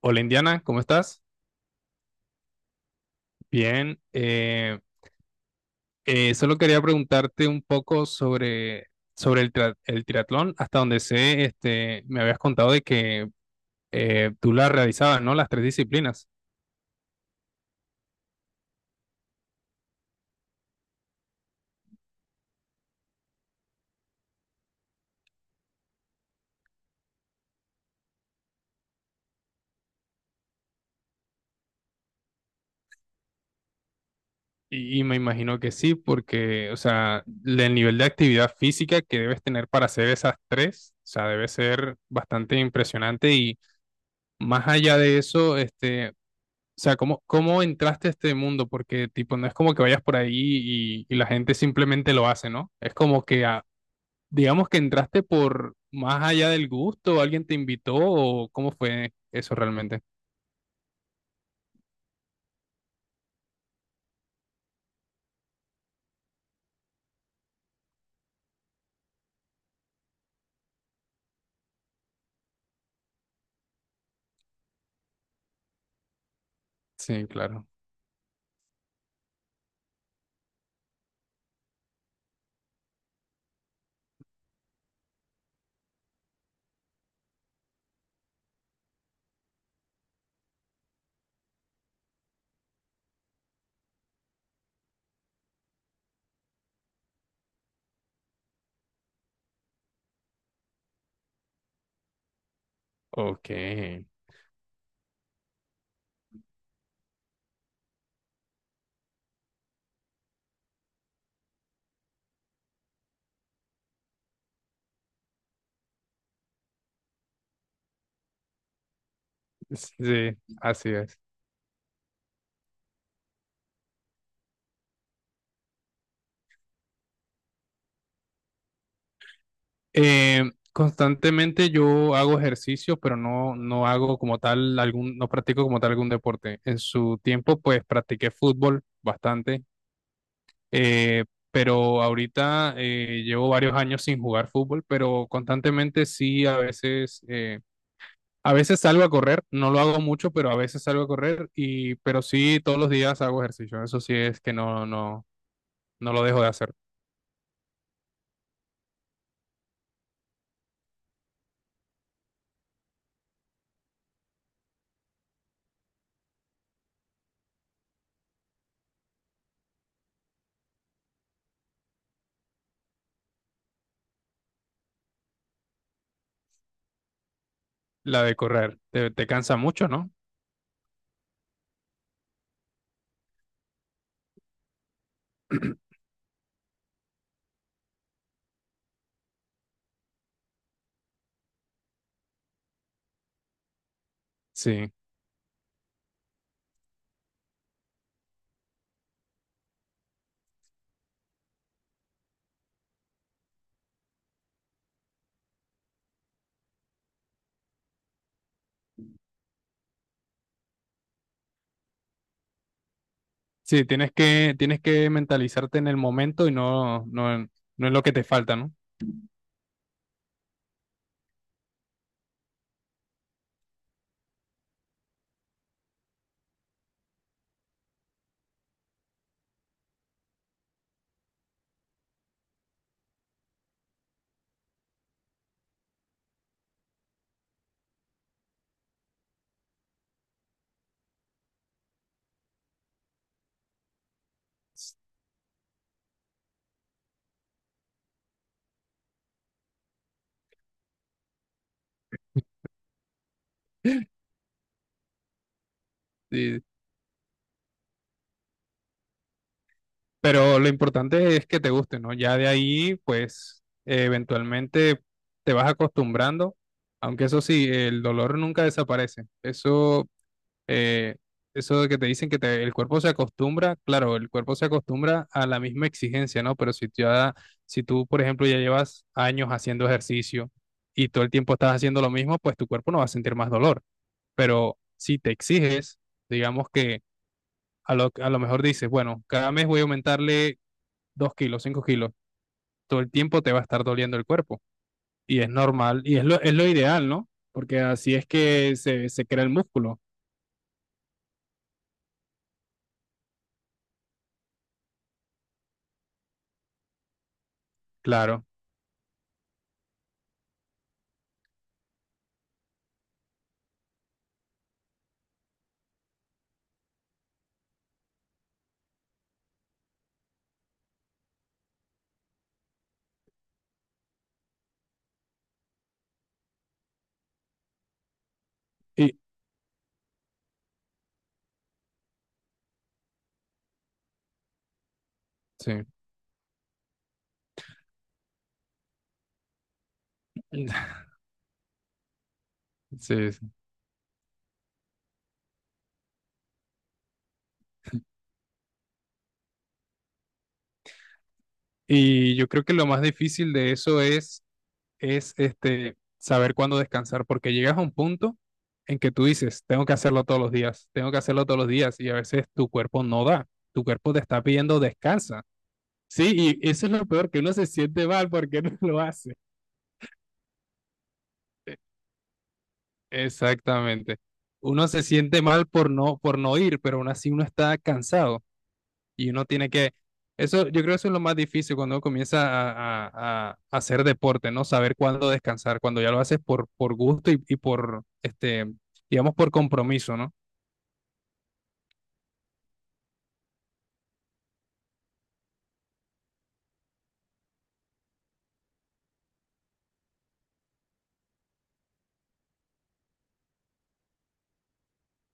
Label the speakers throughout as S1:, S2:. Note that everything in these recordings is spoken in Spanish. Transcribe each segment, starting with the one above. S1: Hola, Indiana, ¿cómo estás? Bien, solo quería preguntarte un poco sobre el triatlón. Hasta donde sé, este, me habías contado de que tú la realizabas, ¿no? Las tres disciplinas. Y me imagino que sí, porque, o sea, el nivel de actividad física que debes tener para hacer esas tres, o sea, debe ser bastante impresionante. Y más allá de eso, este, o sea, ¿cómo entraste a este mundo? Porque, tipo, no es como que vayas por ahí y la gente simplemente lo hace, ¿no? Es como que, ah, digamos que entraste, por más allá del gusto, alguien te invitó o cómo fue eso realmente. Sí, claro. Ok. Sí, así es. Eh, constantemente yo hago ejercicio, pero no hago como tal algún, no practico como tal algún deporte. En su tiempo, pues practiqué fútbol bastante. Eh, pero ahorita llevo varios años sin jugar fútbol, pero constantemente sí, a veces salgo a correr, no lo hago mucho, pero a veces salgo a correr pero sí, todos los días hago ejercicio. Eso sí es que no lo dejo de hacer. La de correr, te cansa mucho, ¿no? Sí, sí, tienes que mentalizarte en el momento y no es lo que te falta, ¿no? Sí. Pero lo importante es que te guste, ¿no? Ya de ahí, pues, eventualmente te vas acostumbrando, aunque eso sí, el dolor nunca desaparece. Eso, eh, eso de que te dicen que el cuerpo se acostumbra, claro, el cuerpo se acostumbra a la misma exigencia, ¿no? Pero si tú, por ejemplo, ya llevas años haciendo ejercicio y todo el tiempo estás haciendo lo mismo, pues tu cuerpo no va a sentir más dolor. Pero si te exiges, digamos que a lo mejor dices, bueno, cada mes voy a aumentarle 2 kilos, 5 kilos, todo el tiempo te va a estar doliendo el cuerpo. Y es normal, y es lo ideal, ¿no? Porque así es que se crea el músculo, claro. Y, sí, sí, sí. Y yo creo que lo más difícil de eso es este, saber cuándo descansar, porque llegas a un punto en que tú dices, tengo que hacerlo todos los días, tengo que hacerlo todos los días, y a veces tu cuerpo no da, tu cuerpo te está pidiendo descansa. Sí, y eso es lo peor, que uno se siente mal porque no lo hace. Exactamente. Uno se siente mal por por no ir, pero aún así uno está cansado y uno tiene que... Eso, yo creo que eso es lo más difícil cuando uno comienza a hacer deporte, ¿no? Saber cuándo descansar, cuando ya lo haces por gusto y por, este, digamos, por compromiso, ¿no?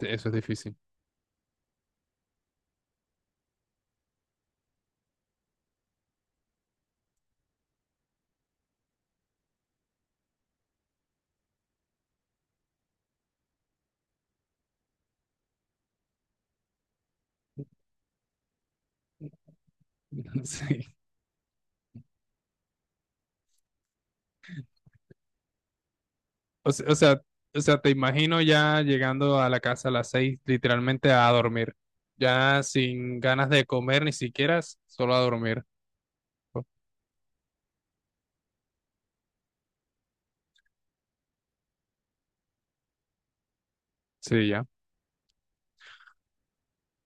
S1: Eso es difícil. Sí. O, se- o sea, o sea, te imagino ya llegando a la casa a las seis, literalmente a dormir, ya sin ganas de comer ni siquiera, solo a dormir. ¿No? Sí, ya.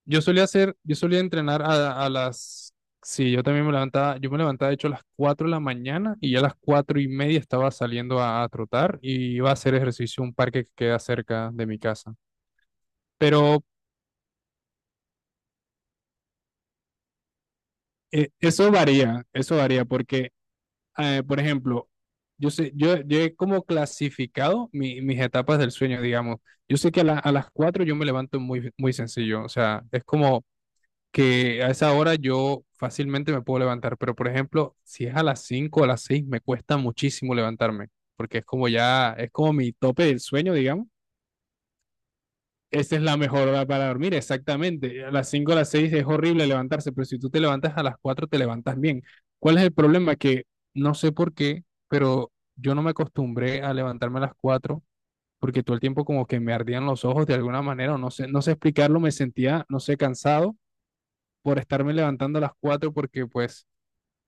S1: Yo solía hacer, yo solía entrenar a las, sí, yo también me levantaba, yo me levantaba de hecho a las 4 de la mañana y ya a las 4 y media estaba saliendo a trotar y iba a hacer ejercicio en un parque que queda cerca de mi casa. Pero eso varía porque, por ejemplo, yo sé, yo he como clasificado mis etapas del sueño, digamos. Yo sé que a las 4 yo me levanto muy sencillo, o sea, es como que a esa hora yo fácilmente me puedo levantar, pero por ejemplo, si es a las 5 o a las 6 me cuesta muchísimo levantarme, porque es como ya, es como mi tope del sueño, digamos. Esa es la mejor hora para dormir, exactamente. A las 5 o a las 6 es horrible levantarse, pero si tú te levantas a las 4 te levantas bien. ¿Cuál es el problema? Que no sé por qué, pero yo no me acostumbré a levantarme a las 4 porque todo el tiempo como que me ardían los ojos de alguna manera, o no sé, no sé explicarlo, me sentía, no sé, cansado por estarme levantando a las 4 porque pues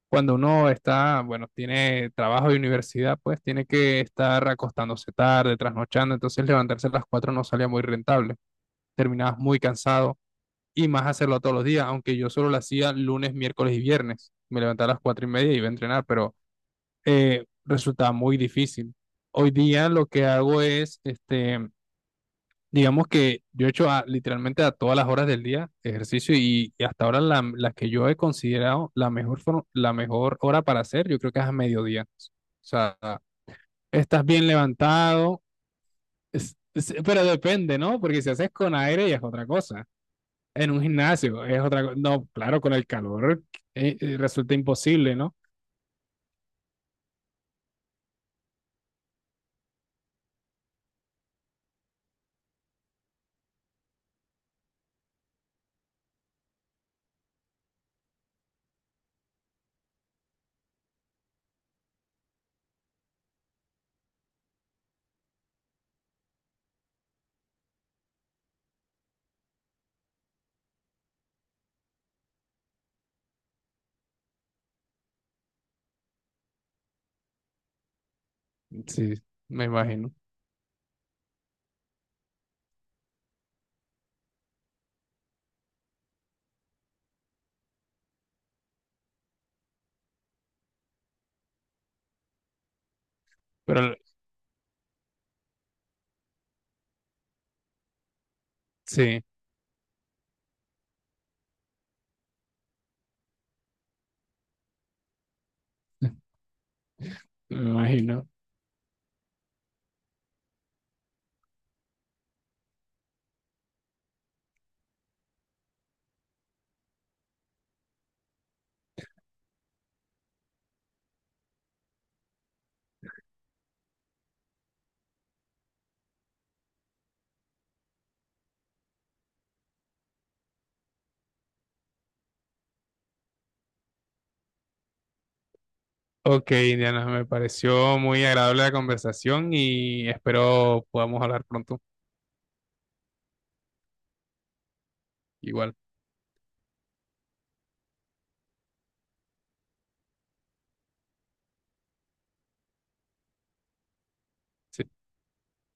S1: cuando uno está, bueno, tiene trabajo y universidad, pues tiene que estar acostándose tarde, trasnochando, entonces levantarse a las 4 no salía muy rentable, terminabas muy cansado y más hacerlo todos los días, aunque yo solo lo hacía lunes, miércoles y viernes, me levantaba a las 4 y media y iba a entrenar, pero resultaba muy difícil. Hoy día lo que hago es, este, digamos que yo he hecho literalmente a todas las horas del día ejercicio y hasta ahora la que yo he considerado la mejor, la mejor hora para hacer, yo creo que es a mediodía. O sea, estás bien levantado, pero depende, ¿no? Porque si haces con aire ya es otra cosa. En un gimnasio es otra cosa. No, claro, con el calor resulta imposible, ¿no? Sí, me imagino. Pero sí, me imagino. Ok, Indiana, me pareció muy agradable la conversación y espero podamos hablar pronto. Igual. Sí.